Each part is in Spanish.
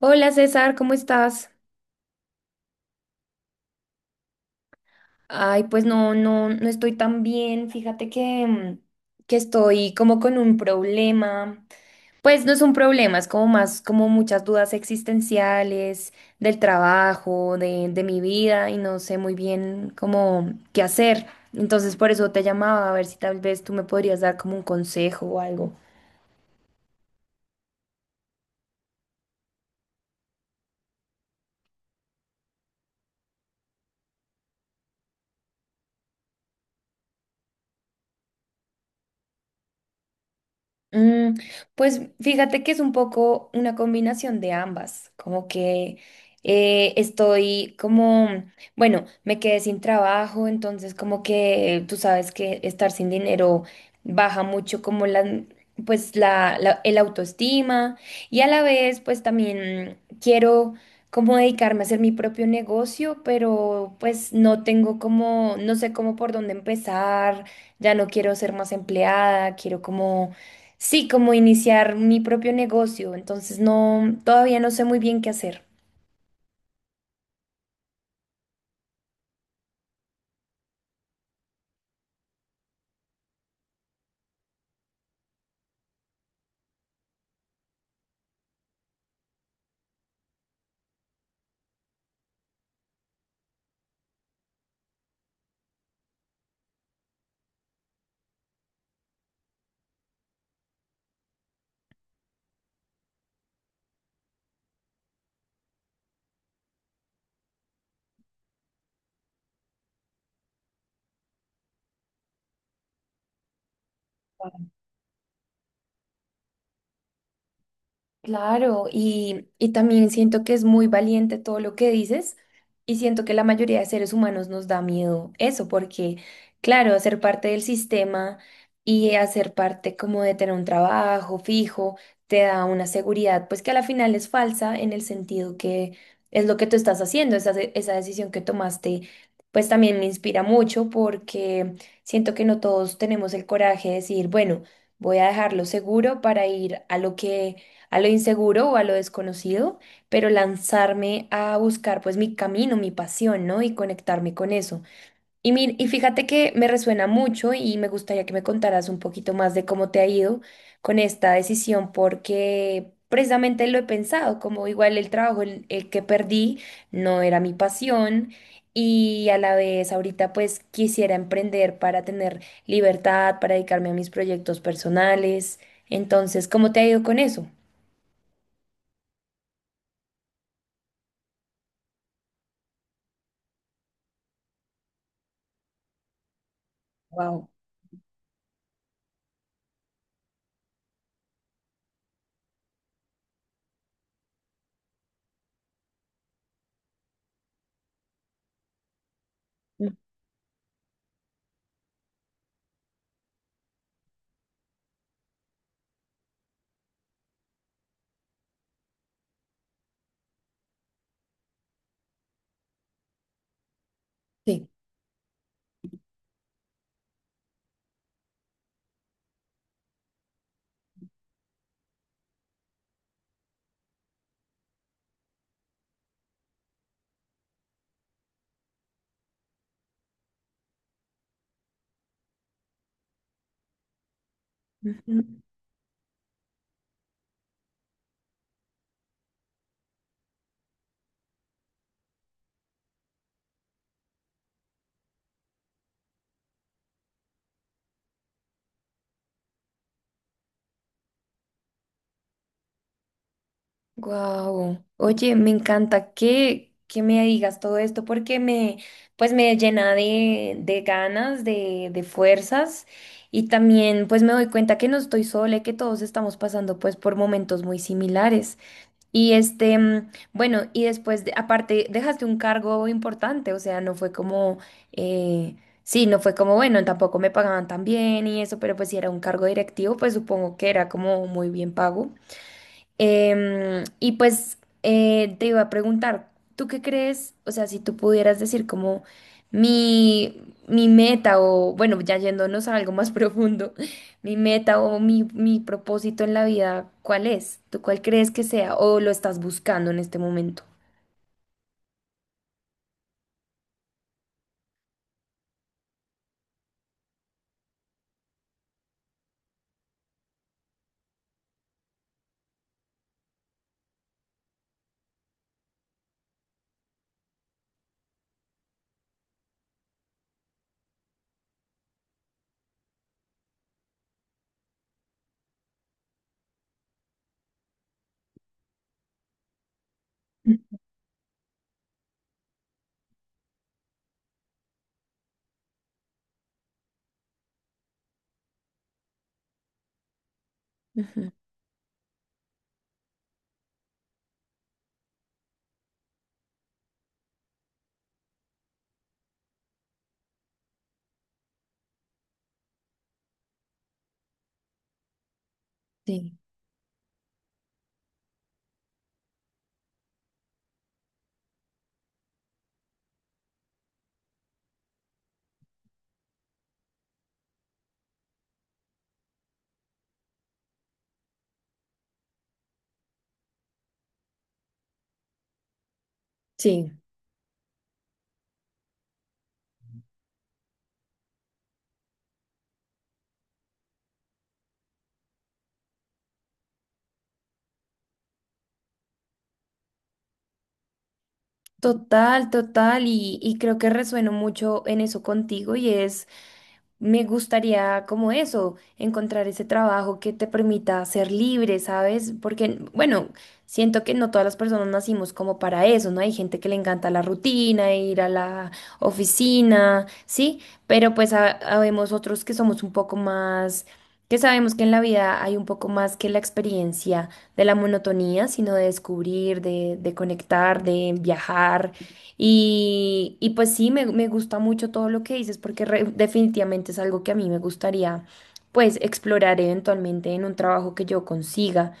Hola César, ¿cómo estás? Ay, pues no, no, no estoy tan bien. Fíjate que, que estoy como con un problema. Pues no es un problema, es como más como muchas dudas existenciales del trabajo, de mi vida y no sé muy bien cómo qué hacer. Entonces por eso te llamaba a ver si tal vez tú me podrías dar como un consejo o algo. Mm, pues fíjate que es un poco una combinación de ambas, como que estoy como, bueno, me quedé sin trabajo, entonces como que tú sabes que estar sin dinero baja mucho como pues el autoestima y a la vez pues también quiero como dedicarme a hacer mi propio negocio, pero pues no tengo como, no sé cómo por dónde empezar, ya no quiero ser más empleada, quiero como sí, como iniciar mi propio negocio, entonces no, todavía no sé muy bien qué hacer. Claro, y también siento que es muy valiente todo lo que dices y siento que la mayoría de seres humanos nos da miedo eso, porque claro, ser parte del sistema y hacer parte como de tener un trabajo fijo te da una seguridad, pues que a la final es falsa en el sentido que es lo que tú estás haciendo, esa decisión que tomaste, pues también me inspira mucho porque siento que no todos tenemos el coraje de decir, bueno, voy a dejarlo seguro para ir a lo que a lo inseguro o a lo desconocido, pero lanzarme a buscar pues mi camino, mi pasión, ¿no? Y conectarme con eso. Y, y fíjate que me resuena mucho y me gustaría que me contaras un poquito más de cómo te ha ido con esta decisión, porque precisamente lo he pensado, como igual el trabajo el que perdí no era mi pasión. Y a la vez ahorita pues quisiera emprender para tener libertad, para dedicarme a mis proyectos personales. Entonces, ¿cómo te ha ido con eso? Wow. Sí. Wow. Oye, me encanta que me digas todo esto porque me, pues me llena de ganas, de fuerzas y también pues me doy cuenta que no estoy sola y que todos estamos pasando pues por momentos muy similares. Y este, bueno, y después, aparte, dejaste un cargo importante, o sea, no fue como, eh, sí, no fue como, bueno, tampoco me pagaban tan bien y eso, pero pues si era un cargo directivo, pues supongo que era como muy bien pago. Y pues te iba a preguntar, ¿tú qué crees? O sea, si tú pudieras decir como mi, mi meta o, bueno, ya yéndonos a algo más profundo, mi meta o mi propósito en la vida, ¿cuál es? ¿Tú cuál crees que sea o lo estás buscando en este momento? Ujú, sí, sí. Total, total, y creo que resueno mucho en eso contigo y es, me gustaría como eso, encontrar ese trabajo que te permita ser libre, ¿sabes? Porque, bueno, siento que no todas las personas nacimos como para eso, ¿no? Hay gente que le encanta la rutina, ir a la oficina, ¿sí? Pero pues habemos otros que somos un poco más, que sabemos que en la vida hay un poco más que la experiencia de la monotonía, sino de descubrir, de conectar, de viajar. Y pues sí, me gusta mucho todo lo que dices porque definitivamente es algo que a mí me gustaría pues explorar eventualmente en un trabajo que yo consiga.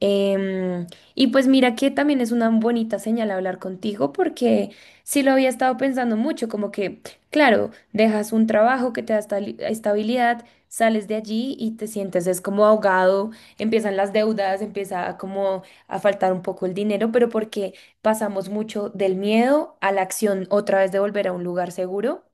Em, y pues mira que también es una bonita señal hablar contigo porque sí lo había estado pensando mucho, como que, claro, dejas un trabajo que te da estabilidad, sales de allí y te sientes es como ahogado, empiezan las deudas, empieza a como a faltar un poco el dinero, pero porque pasamos mucho del miedo a la acción otra vez de volver a un lugar seguro.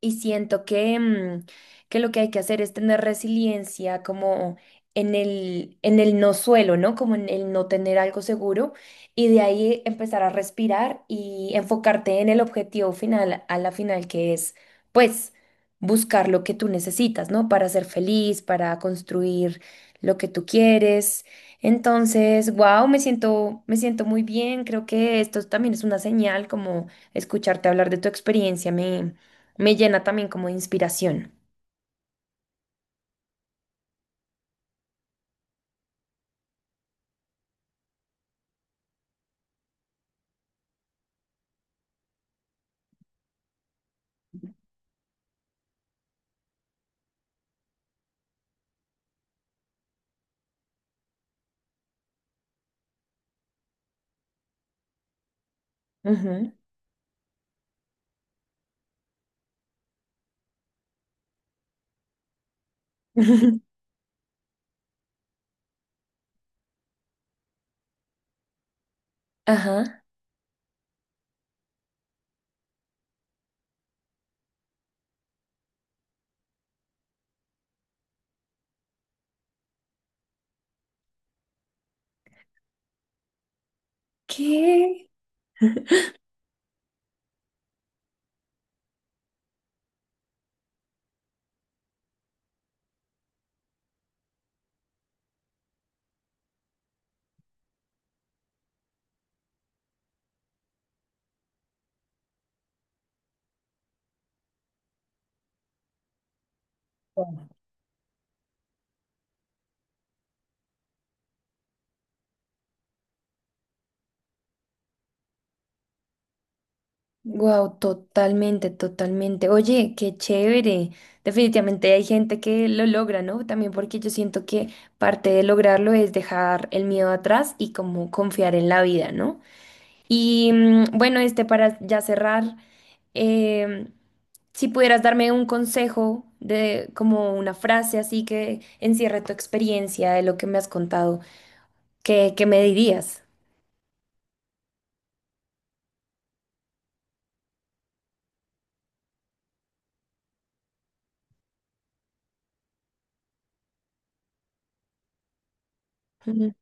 Y siento que, que lo que hay que hacer es tener resiliencia como en en el no suelo, ¿no? Como en el no tener algo seguro y de ahí empezar a respirar y enfocarte en el objetivo final, a la final, que es, pues, buscar lo que tú necesitas, ¿no? Para ser feliz, para construir lo que tú quieres. Entonces, wow, me siento muy bien. Creo que esto también es una señal, como escucharte hablar de tu experiencia me me llena también como de inspiración. Ujú. Ajá. ¿Qué? Wow, totalmente, totalmente. Oye, qué chévere. Definitivamente hay gente que lo logra, ¿no? También porque yo siento que parte de lograrlo es dejar el miedo atrás y como confiar en la vida, ¿no? Y bueno, este para ya cerrar, em, si pudieras darme un consejo de como una frase así que encierre tu experiencia de lo que me has contado. ¿Qué me dirías? Ujú.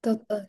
Total-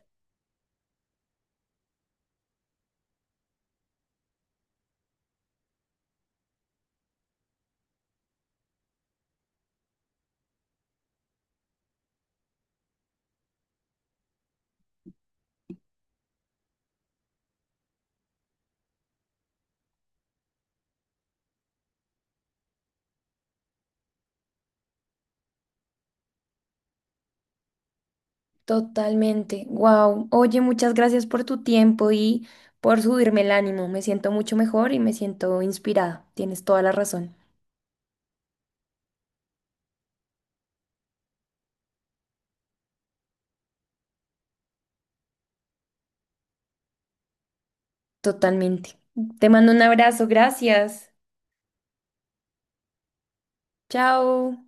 totalmente. Wow. Oye, muchas gracias por tu tiempo y por subirme el ánimo. Me siento mucho mejor y me siento inspirada. Tienes toda la razón. Totalmente. Te mando un abrazo. Gracias. Chao.